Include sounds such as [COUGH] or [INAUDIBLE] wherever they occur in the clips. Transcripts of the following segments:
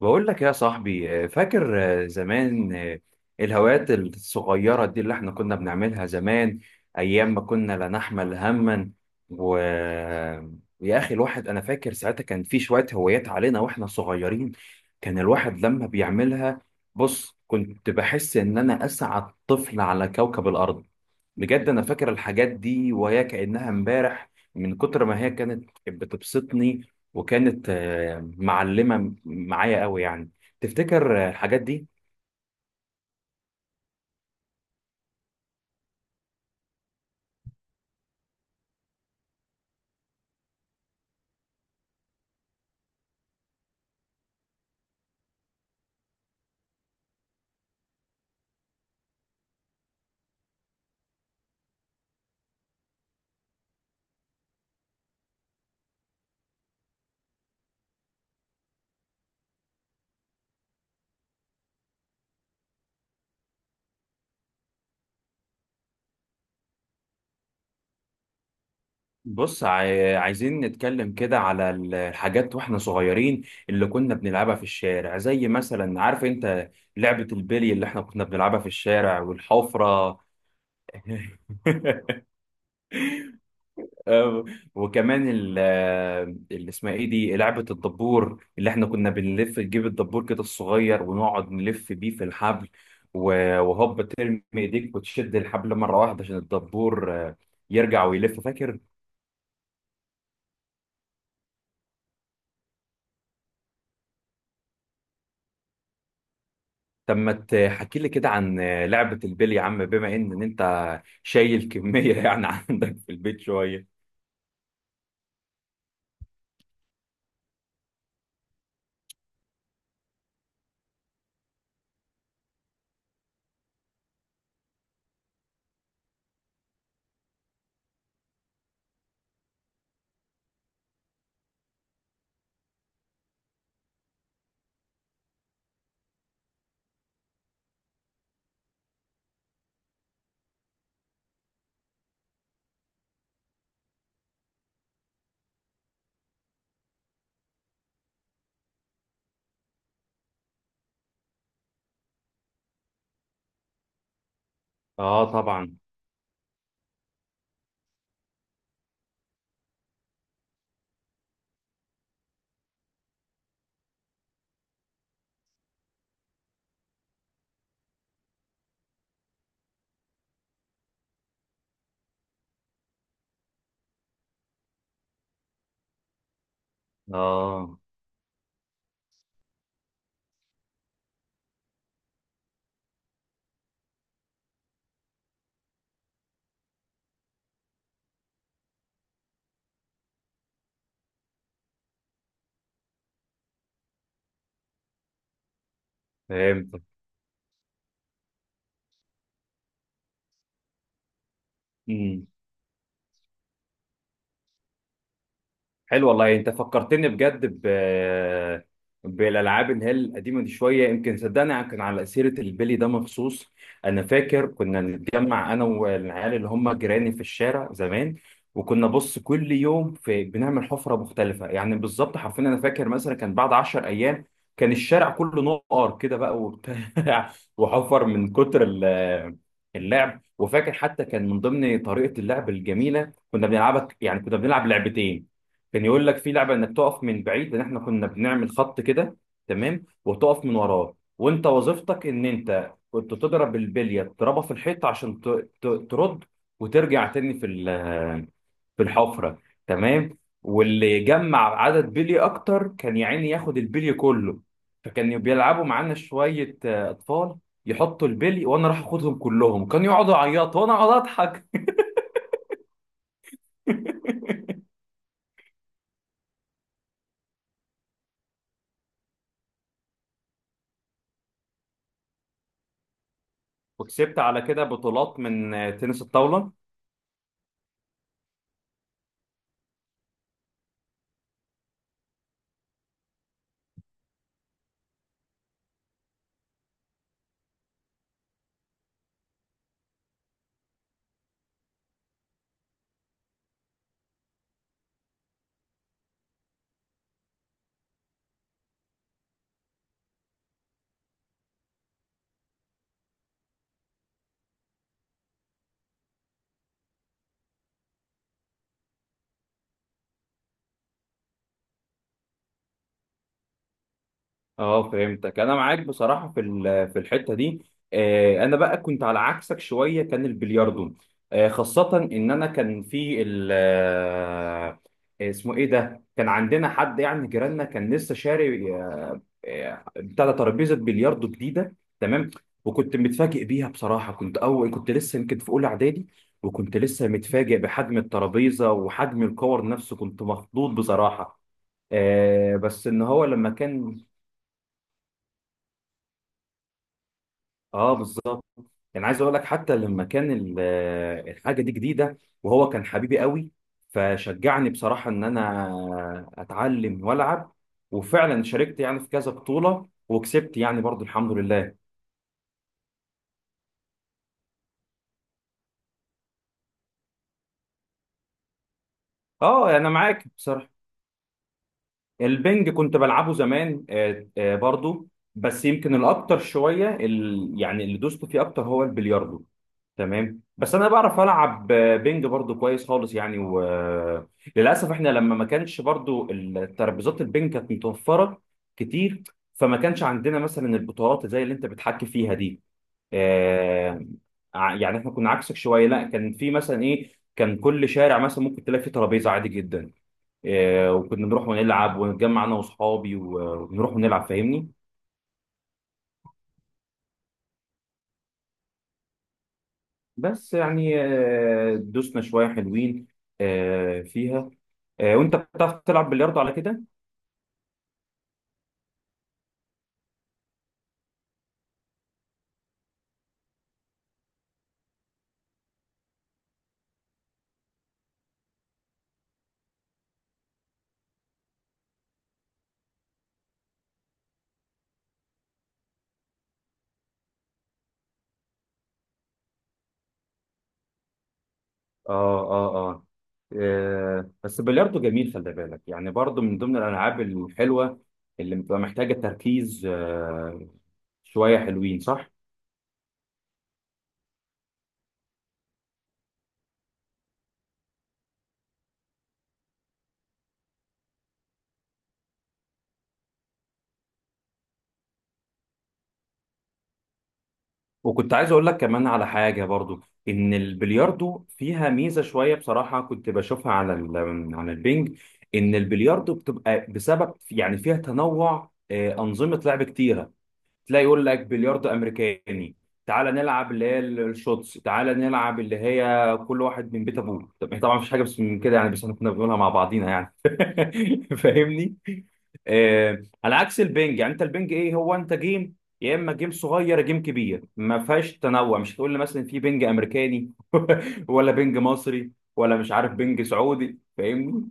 بقول لك يا صاحبي، فاكر، زمان، الهوايات الصغيرة دي اللي احنا كنا بنعملها زمان أيام ما كنا لا نحمل هما. و يا أخي الواحد أنا فاكر ساعتها كان في شوية هوايات علينا وإحنا صغيرين. كان الواحد لما بيعملها، بص كنت بحس إن أنا أسعد طفل على كوكب الأرض. بجد انا فاكر الحاجات دي وهي كأنها امبارح من كتر ما هي كانت بتبسطني، وكانت معلمة معايا قوي يعني. تفتكر الحاجات دي؟ بص، عايزين نتكلم كده على الحاجات واحنا صغيرين، اللي كنا بنلعبها في الشارع، زي مثلا عارف انت لعبة البلي اللي احنا كنا بنلعبها في الشارع والحفرة. [LAUGHS] آه، وكمان اللي اسمها ايه دي، لعبة الدبور اللي احنا كنا بنلف نجيب الدبور كده الصغير ونقعد نلف بيه في الحبل، وهوب ترمي ايديك وتشد الحبل مرة واحدة عشان الدبور يرجع ويلف، فاكر؟ طب ما تحكي لي كده عن لعبة البلي يا عم، بما ان إن انت شايل كمية [LAUGHS] يعني عندك في البيت شوية. اه طبعا. اه فهمت. حلو والله، انت فكرتني بجد بالالعاب اللي هي القديمه دي شويه، يمكن صدقني، كان على سيره البلي ده مخصوص. انا فاكر كنا نتجمع انا والعيال اللي هم جيراني في الشارع زمان، وكنا بص كل يوم في بنعمل حفره مختلفه، يعني بالظبط حرفيا انا فاكر مثلا كان بعد 10 ايام كان الشارع كله نقر كده بقى وبتاع [LAUGHS] وحفر من كتر اللعب. وفاكر حتى كان من ضمن طريقه اللعب الجميله كنا بنلعبها، يعني كنا بنلعب لعبتين. كان يقول لك في لعبه انك تقف من بعيد، لان احنا كنا بنعمل خط كده تمام، وتقف من وراه، وانت وظيفتك ان انت كنت تضرب البليه، تضربها في الحيط عشان ترد وترجع تاني في في الحفره. تمام، واللي جمع عدد بلي اكتر كان يا عيني ياخد البلي كله. فكانوا بيلعبوا معانا شويه اطفال، يحطوا البلي وانا راح اخدهم كلهم، كانوا يقعدوا يعيطوا وانا اقعد اضحك. وكسبت على كده بطولات من تنس الطاوله. اه فهمتك، انا معاك بصراحه في في الحته دي. انا بقى كنت على عكسك شويه، كان البلياردو خاصه ان انا كان في ال آه، اسمه ايه ده، كان عندنا حد يعني جيراننا كان لسه شاري بتاع ده، ترابيزه بلياردو جديده. تمام، وكنت متفاجئ بيها بصراحه، كنت اول كنت لسه يمكن في اولى اعدادي، وكنت لسه متفاجئ بحجم الترابيزه وحجم الكور نفسه، كنت مخضوض بصراحه. بس ان هو لما كان، اه بالظبط. يعني عايز اقول لك، حتى لما كان الحاجه دي جديده وهو كان حبيبي قوي، فشجعني بصراحه ان انا اتعلم والعب، وفعلا شاركت يعني في كذا بطوله وكسبت يعني برضو، الحمد لله. اه انا معاك بصراحه، البنج كنت بلعبه زمان برضو، بس يمكن الاكتر شويه يعني اللي دوست فيه اكتر هو البلياردو. تمام، بس انا بعرف العب بنج برضو كويس خالص يعني. وللاسف احنا لما ما كانش برضو الترابيزات البنج كانت متوفره كتير، فما كانش عندنا مثلا البطولات زي اللي انت بتحكي فيها دي. آه، يعني احنا كنا عكسك شويه، لا كان في مثلا ايه، كان كل شارع مثلا ممكن تلاقي فيه ترابيزه عادي جدا، وكنا نروح ونلعب ونتجمع انا واصحابي ونروح ونلعب، فاهمني. بس يعني دوسنا شويه حلوين فيها. وانت بتعرف تلعب بلياردو على كده؟ اه، اه، اه. بس البلياردو جميل، خلي بالك، يعني برضو من ضمن الالعاب الحلوه اللي بتبقى محتاجه تركيز شويه حلوين، صح. وكنت عايز اقول لك كمان على حاجه برضو، ان البلياردو فيها ميزه شويه بصراحه كنت بشوفها على على البنج، ان البلياردو بتبقى بسبب يعني فيها تنوع انظمه لعب كتيره. تلاقي يقول لك بلياردو امريكاني، تعالى نلعب اللي هي الشوتس، تعالى نلعب اللي هي كل واحد من بيت ابوه. طب طبعا مفيش حاجه بس من كده يعني، بس احنا كنا بنقولها مع بعضينا يعني. [LAUGHS] فاهمني. على عكس البنج، يعني انت البنج ايه، هو انت جيم، يا اما جيم صغير يا جيم كبير، ما فيهاش تنوع، مش هتقول لي مثلا في بنج امريكاني [LAUGHS] ولا بنج مصري ولا مش عارف بنج سعودي، فاهمني.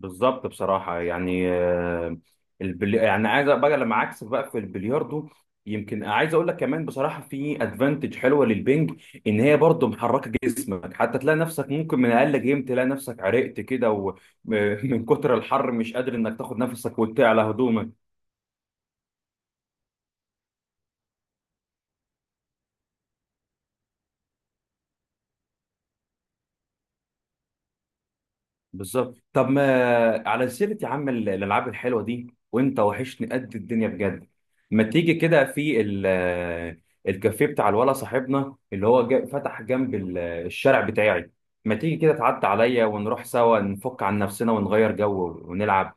بالظبط بصراحة، يعني يعني عايز بقى لما، عكس بقى في البلياردو يمكن عايز اقول لك كمان بصراحة في ادفانتج حلوة للبنج، ان هي برضو محركة جسمك، حتى تلاقي نفسك ممكن من اقل جيم تلاقي نفسك عرقت كده، ومن [LAUGHS] كتر الحر مش قادر انك تاخد نفسك وتعلى هدومك. بالظبط. طب ما على سيرة يا عم الألعاب الحلوة دي، وأنت وحشني قد الدنيا بجد، ما تيجي كده في الكافيه بتاع الولا صاحبنا اللي هو فتح جنب الشارع بتاعي، ما تيجي كده تعدي عليا ونروح سوا نفك عن نفسنا ونغير جو ونلعب.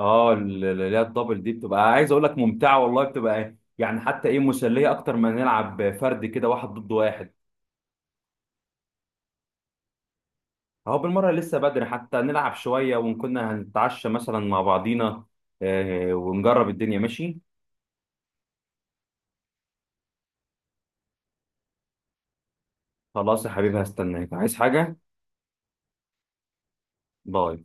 اه اللي هي الدبل دي، بتبقى عايز أقول لك ممتعة والله، بتبقى يعني حتى إيه، مسلية أكتر ما نلعب فرد كده واحد ضد واحد. اهو بالمرة لسه بدري، حتى نلعب شوية وكنا هنتعشى مثلا مع بعضينا، ونجرب الدنيا، ماشي. خلاص يا حبيبي، هستناك. عايز حاجة؟ باي.